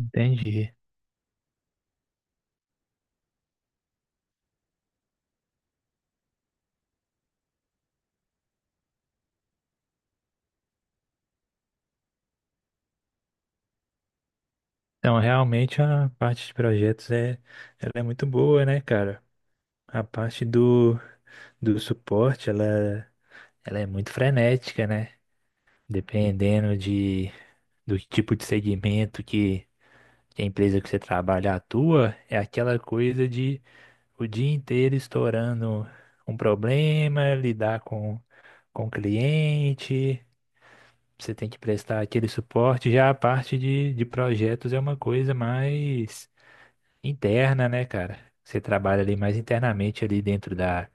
Entendi. Então, realmente a parte de projetos é, ela é muito boa, né, cara? A parte do suporte, ela é muito frenética, né? Dependendo de, do tipo de segmento que a empresa que você trabalha atua, é aquela coisa de o dia inteiro estourando um problema, lidar com o cliente, você tem que prestar aquele suporte. Já a parte de projetos é uma coisa mais interna, né, cara? Você trabalha ali mais internamente ali dentro da,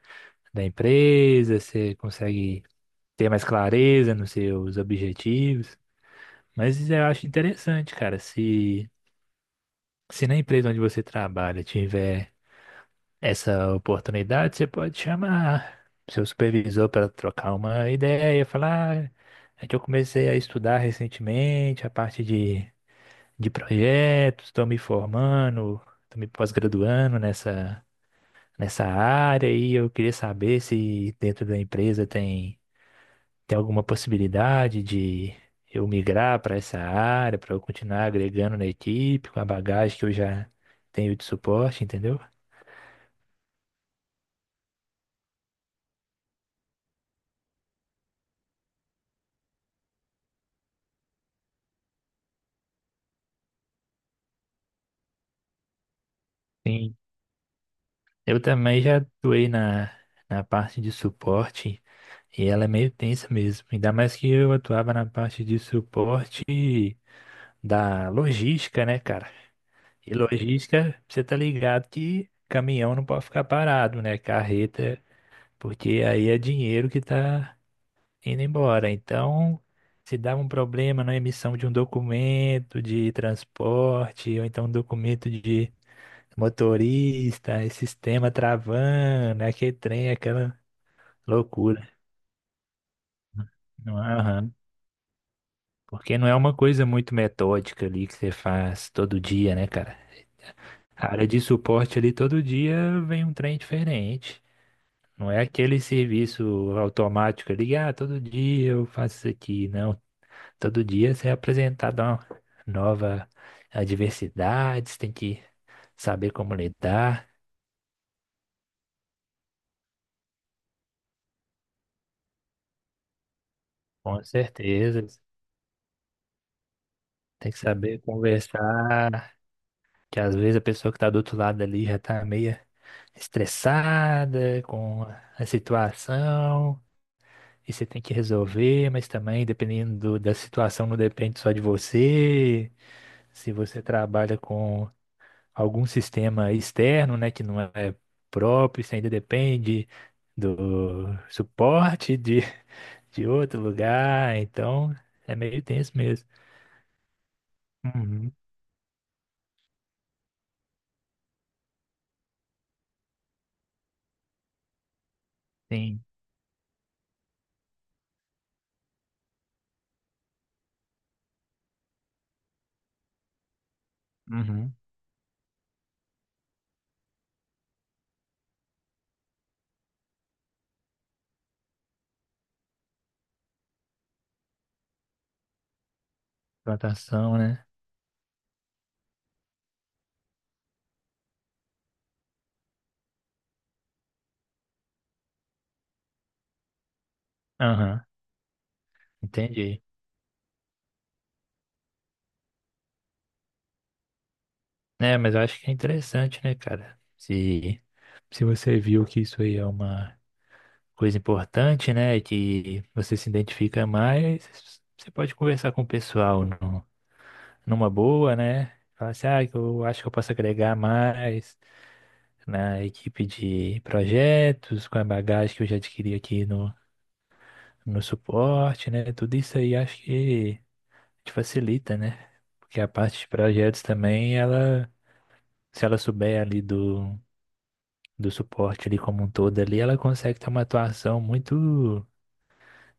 da empresa, você consegue ter mais clareza nos seus objetivos. Mas eu acho interessante, cara, se na empresa onde você trabalha tiver essa oportunidade, você pode chamar seu supervisor para trocar uma ideia, falar, "Ah, é que eu comecei a estudar recentemente a parte de projetos, estou me formando, estou me pós-graduando nessa área e eu queria saber se dentro da empresa tem, tem alguma possibilidade de eu migrar para essa área, para eu continuar agregando na equipe, com a bagagem que eu já tenho de suporte, entendeu? Sim. Eu também já atuei na, na parte de suporte e ela é meio tensa mesmo. Ainda mais que eu atuava na parte de suporte da logística, né, cara? E logística, você tá ligado que caminhão não pode ficar parado, né? Carreta porque aí é dinheiro que está indo embora. Então, se dá um problema na emissão de um documento de transporte, ou então um documento de motorista, esse sistema travando, aquele trem, aquela loucura. Não, aham. Porque não é uma coisa muito metódica ali que você faz todo dia, né, cara? A área de suporte ali todo dia vem um trem diferente. Não é aquele serviço automático ali, ah, todo dia eu faço isso aqui, não. Todo dia você é apresentado a uma nova adversidade, você tem que saber como lidar, com certeza. Tem que saber conversar, que às vezes a pessoa que está do outro lado ali já está meio estressada com a situação, e você tem que resolver, mas também, dependendo da situação, não depende só de você. Se você trabalha com algum sistema externo, né, que não é próprio, você ainda depende do suporte de, de outro lugar, então é meio tenso mesmo. Uhum, sim. Uhum. Plantação, né? Aham, entendi. É, mas eu acho que é interessante, né, cara? Se você viu que isso aí é uma coisa importante, né, e que você se identifica mais, você pode conversar com o pessoal, não? Numa boa, né? Falar assim, ah, eu acho que eu posso agregar mais na equipe de projetos, com a bagagem que eu já adquiri aqui no, no suporte, né? Tudo isso aí acho que te facilita, né? Porque a parte de projetos também, ela, se ela souber ali do, do suporte ali como um todo ali, ela consegue ter uma atuação muito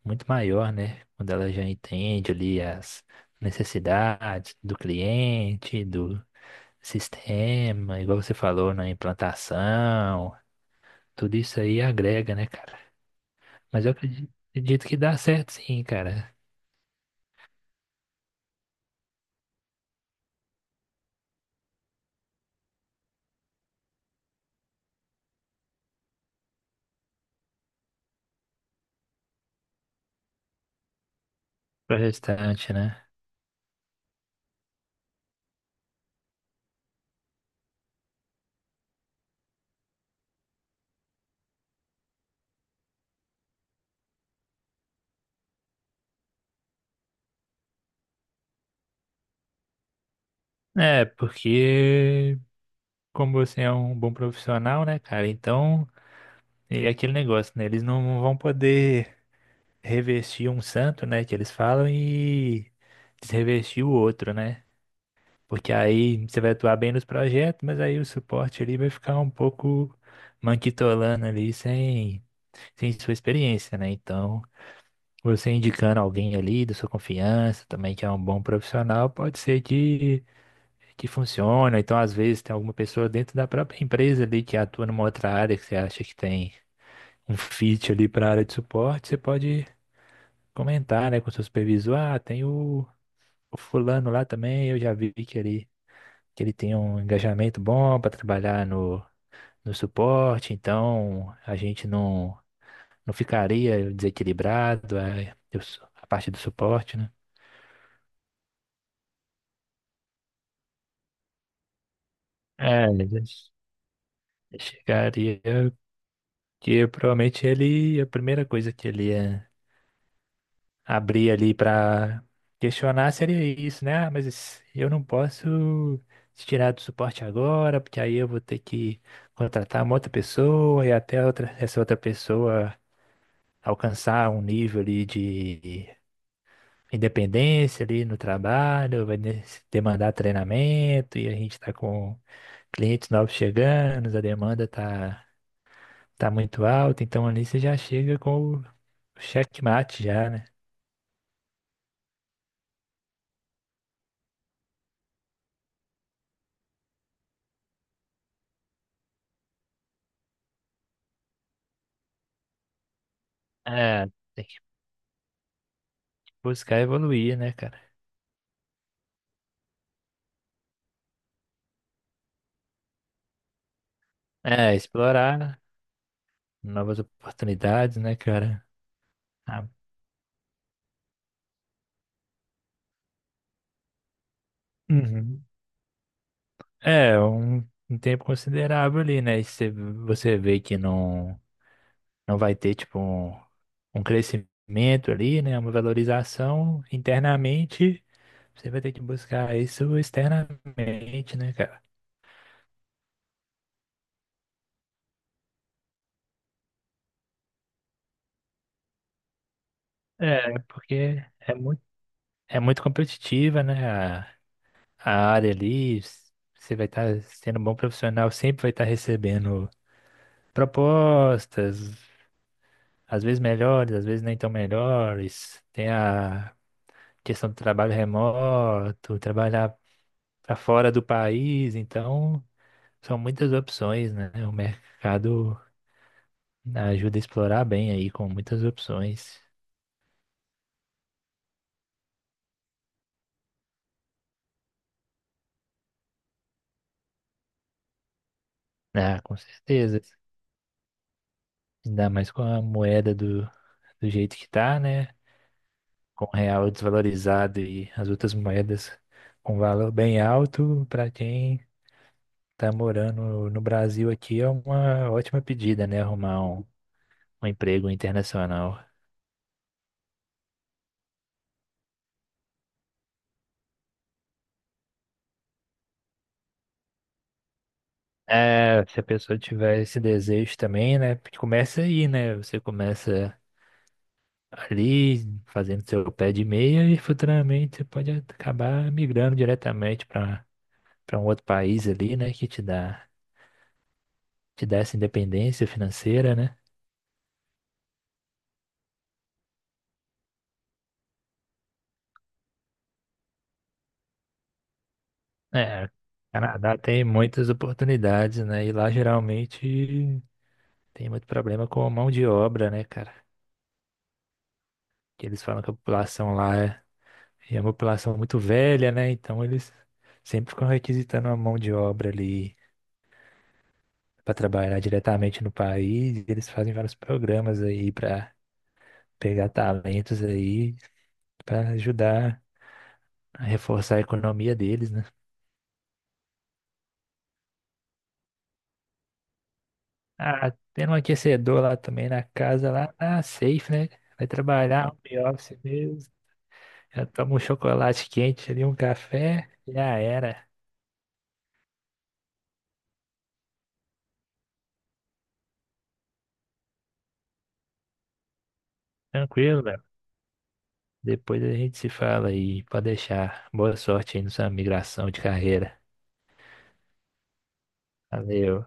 muito maior, né? Quando ela já entende ali as necessidades do cliente, do sistema, igual você falou, na implantação, tudo isso aí agrega, né, cara? Mas eu acredito que dá certo sim, cara, para restante, né? É, porque como você é um bom profissional, né, cara? Então, é aquele negócio, né? Eles não vão poder revestir um santo, né, que eles falam e desrevestir o outro, né? Porque aí você vai atuar bem nos projetos, mas aí o suporte ali vai ficar um pouco manquitolando ali sem, sem sua experiência, né? Então, você indicando alguém ali da sua confiança também, que é um bom profissional, pode ser que funcione. Ou então, às vezes, tem alguma pessoa dentro da própria empresa ali que atua numa outra área que você acha que tem um fit ali para a área de suporte, você pode comentar, né, com o seu supervisor, ah, tem o fulano lá também, eu já vi que ele tem um engajamento bom para trabalhar no, no suporte, então a gente não, não ficaria desequilibrado é, eu sou- a, parte do suporte, né? É, ele chegaria que provavelmente ele, a primeira coisa que ele ia abrir ali para questionar seria isso, né? Ah, mas esse- eu não posso te tirar do suporte agora, porque aí eu vou ter que contratar uma outra pessoa e até outra, essa outra pessoa alcançar um nível ali de independência ali no trabalho, demandar treinamento e a gente está com clientes novos chegando, a demanda tá muito alta, então ali você já chega com o checkmate já, né? É, tem que buscar evoluir, né, cara? É, explorar novas oportunidades, né, cara? Ah, uhum. É, um tempo considerável ali, né? E se você vê que não não vai ter, tipo, um crescimento ali, né? Uma valorização internamente, você vai ter que buscar isso externamente, né, cara? É, porque é muito competitiva, né? A, a área ali, s- você vai estar sendo um bom profissional, sempre vai estar recebendo propostas, às vezes melhores, às vezes nem tão melhores. Tem a questão do trabalho remoto, trabalhar para fora do país, então. São muitas opções, né? O mercado ajuda a explorar bem aí com muitas opções. Ah, com certeza. Ainda mais com a moeda do, do jeito que tá, né? Com o real desvalorizado e as outras moedas com valor bem alto, para quem tá morando no Brasil aqui é uma ótima pedida, né? Arrumar um, um emprego internacional. É, se a pessoa tiver esse desejo também, né? Porque começa aí, né? Você começa ali fazendo seu pé de meia e futuramente você pode acabar migrando diretamente para para um outro país ali, né, que te dá essa independência financeira, né? É, Canadá tem muitas oportunidades, né? E lá geralmente tem muito problema com mão de obra, né, cara? Que eles falam que a população lá é, é uma população muito velha, né? Então eles sempre ficam requisitando uma mão de obra ali para trabalhar diretamente no país. E eles fazem vários programas aí para pegar talentos aí para ajudar a reforçar a economia deles, né? Ah, tendo um aquecedor lá também na casa lá, ah, safe, né? Vai trabalhar, home office mesmo. Já toma um chocolate quente ali, um café, já era. Tranquilo, Léo. Depois a gente se fala aí, pode deixar. Boa sorte aí na sua migração de carreira. Valeu.